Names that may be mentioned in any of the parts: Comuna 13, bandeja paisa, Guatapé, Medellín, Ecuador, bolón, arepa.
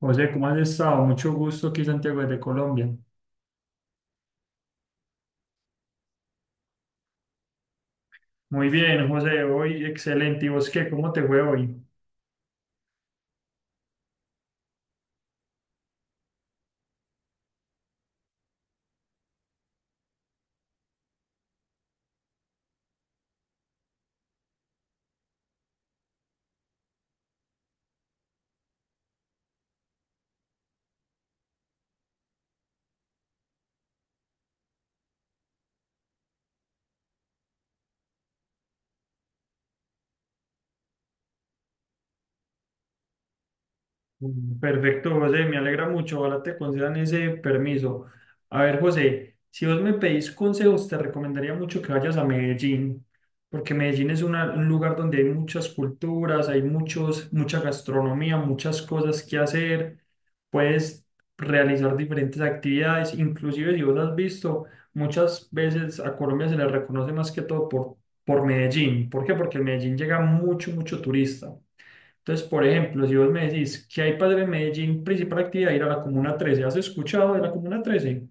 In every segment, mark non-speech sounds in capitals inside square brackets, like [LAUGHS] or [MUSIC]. José, ¿cómo has estado? Mucho gusto aquí, Santiago, de Colombia. Muy bien, José, hoy excelente. ¿Y vos qué? ¿Cómo te fue hoy? Perfecto, José, me alegra mucho. Ojalá te concedan ese permiso. A ver, José, si vos me pedís consejos, te recomendaría mucho que vayas a Medellín, porque Medellín es un lugar donde hay muchas culturas, hay muchos, mucha gastronomía, muchas cosas que hacer. Puedes realizar diferentes actividades, inclusive si vos has visto, muchas veces a Colombia se le reconoce más que todo por Medellín. ¿Por qué? Porque en Medellín llega mucho turista. Entonces, por ejemplo, si vos me decís que hay padre en Medellín, principal actividad, ir a la Comuna 13. ¿Has escuchado de la Comuna 13?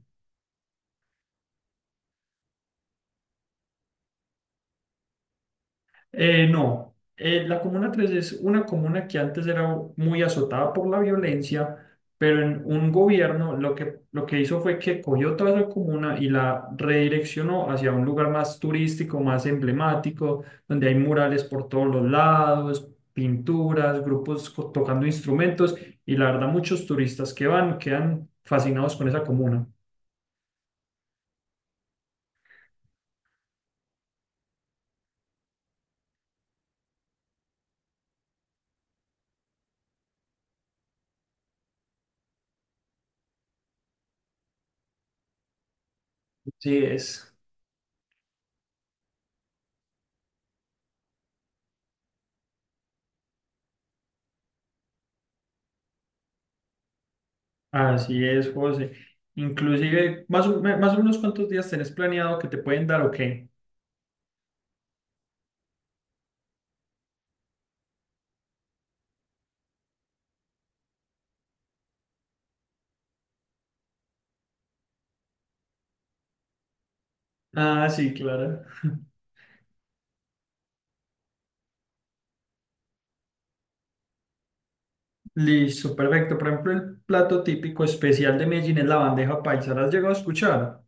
No. La Comuna 13 es una comuna que antes era muy azotada por la violencia, pero en un gobierno lo que hizo fue que cogió toda esa comuna y la redireccionó hacia un lugar más turístico, más emblemático, donde hay murales por todos los lados, pinturas, tocando instrumentos y la verdad muchos turistas que van quedan fascinados con esa comuna. Así es, así es, José. Inclusive, más o menos cuántos días tenés planeado que te pueden dar o qué. Ah, sí, claro. [LAUGHS] Listo, perfecto. Por ejemplo, el plato típico especial de Medellín es la bandeja paisa. ¿La has llegado a escuchar?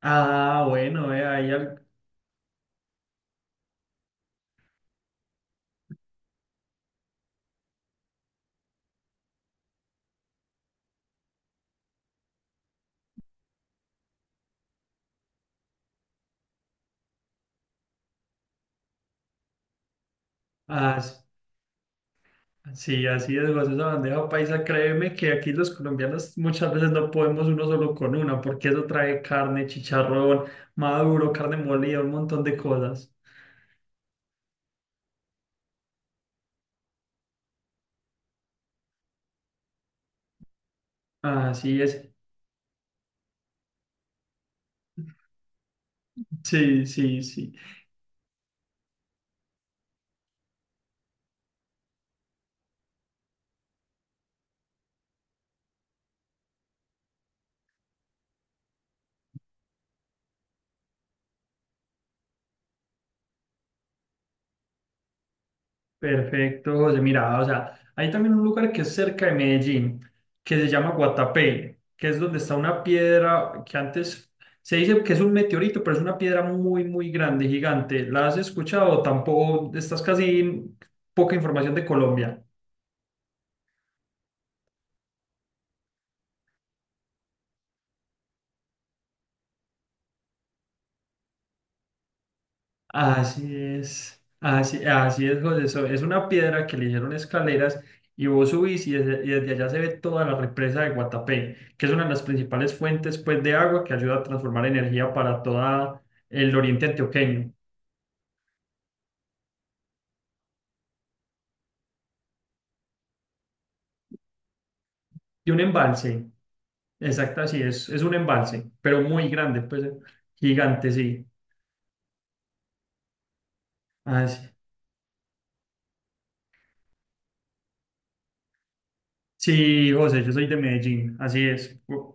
Ah, bueno, ah, sí, así es, José, esa bandeja paisa. Créeme que aquí los colombianos muchas veces no podemos uno solo con una, porque eso trae carne, chicharrón, maduro, carne molida, un montón de cosas. Así es. Sí, sí, sí. Perfecto, José. Mira, o sea, hay también un lugar que es cerca de Medellín, que se llama Guatapé, que es donde está una piedra que antes se dice que es un meteorito, pero es una piedra muy, muy grande, gigante. ¿La has escuchado? Tampoco, estás casi poca información de Colombia. Así es, así, así es, José. Es una piedra que le hicieron escaleras y vos subís y y desde allá se ve toda la represa de Guatapé, que es una de las principales fuentes pues, de agua que ayuda a transformar energía para todo el oriente antioqueño. Y un embalse, exacto, así es un embalse, pero muy grande, pues gigante, sí. Así. Sí, José, yo soy de Medellín, así es.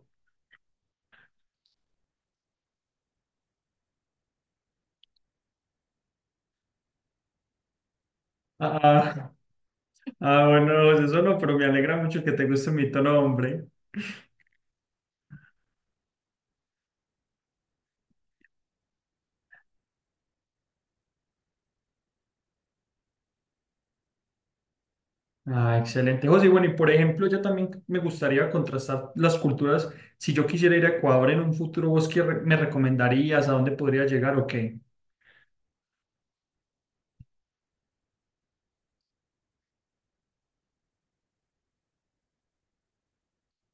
Ah, ah, bueno, José, eso no, pero me alegra mucho que te guste mi tono, hombre. Ah, excelente, José. Y bueno, y por ejemplo, yo también me gustaría contrastar las culturas. Si yo quisiera ir a Ecuador en un futuro, ¿vos qué me recomendarías? ¿A dónde podría llegar o qué?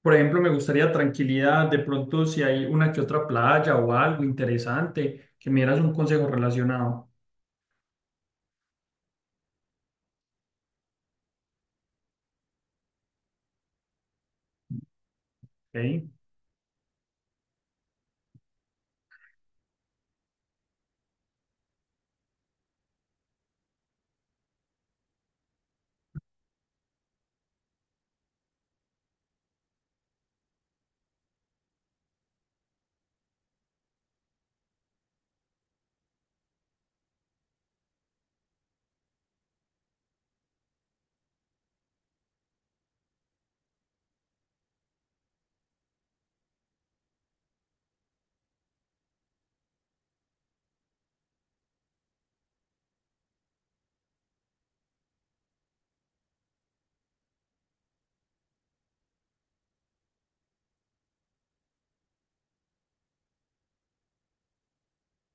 Por ejemplo, me gustaría tranquilidad. De pronto, si hay una que otra playa o algo interesante, que me dieras un consejo relacionado. ¿Ok?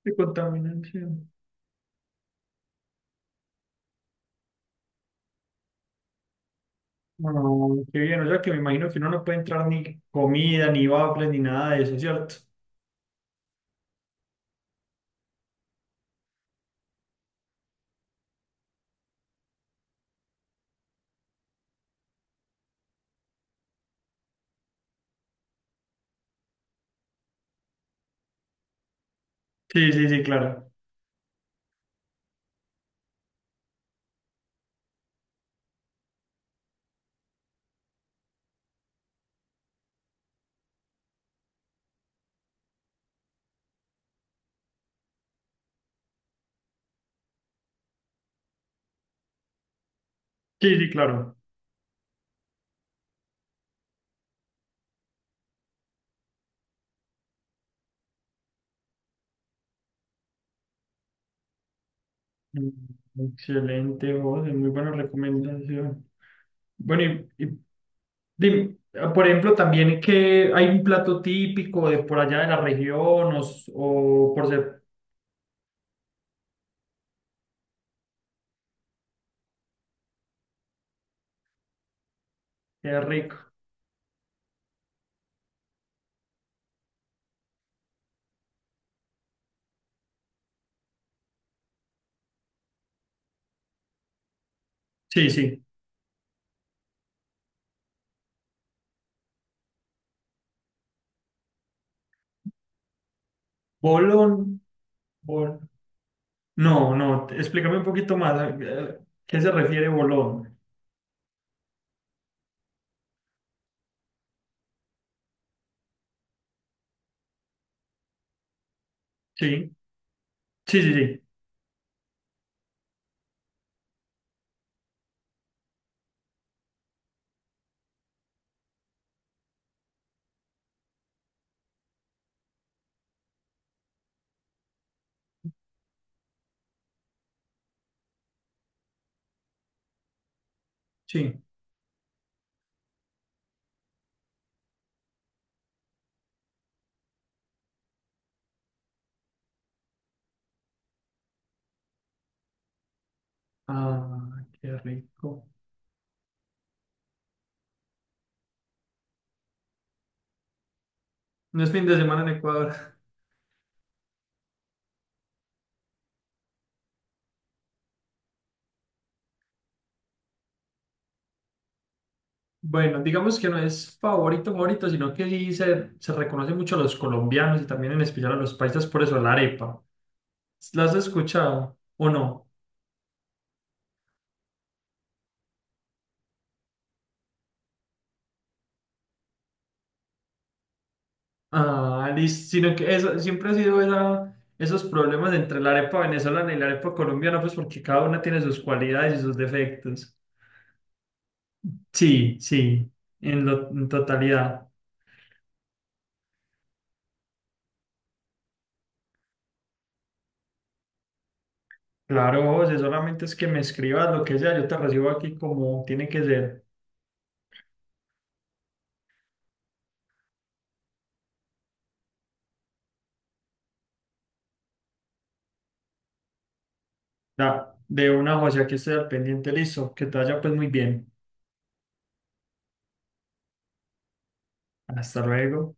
De contaminación. No, qué bien. O sea, que me imagino que uno no puede entrar ni comida, ni waffles, ni nada de eso, ¿cierto? Sí, sí, sí, claro. Sí, sí, claro. Mm, excelente, José, muy buena recomendación. Bueno, y dime, ah, por ejemplo, también que hay un plato típico de por allá de la región o, o por ser qué rico. Sí, sí. Bolón. Bol- No, no, explícame un poquito más. ¿Qué se refiere bolón? Sí, sí, sí, sí. Sí. Ah, qué rico. No es fin de semana en Ecuador. [LAUGHS] Bueno, digamos que no es favorito, favorito, sino que sí se reconoce mucho a los colombianos y también en especial a los paisas por eso, la arepa. ¿La has escuchado o no? Ah, listo, sino que eso, siempre ha sido esa, esos problemas entre la arepa venezolana y la arepa colombiana, pues porque cada una tiene sus cualidades y sus defectos. Sí, sí, en, en totalidad. Claro, José, solamente es que me escribas lo que sea, yo te recibo aquí como tiene que ser. Ya, de una, José, aquí estoy al pendiente, listo. Que te vaya pues muy bien. Hasta luego.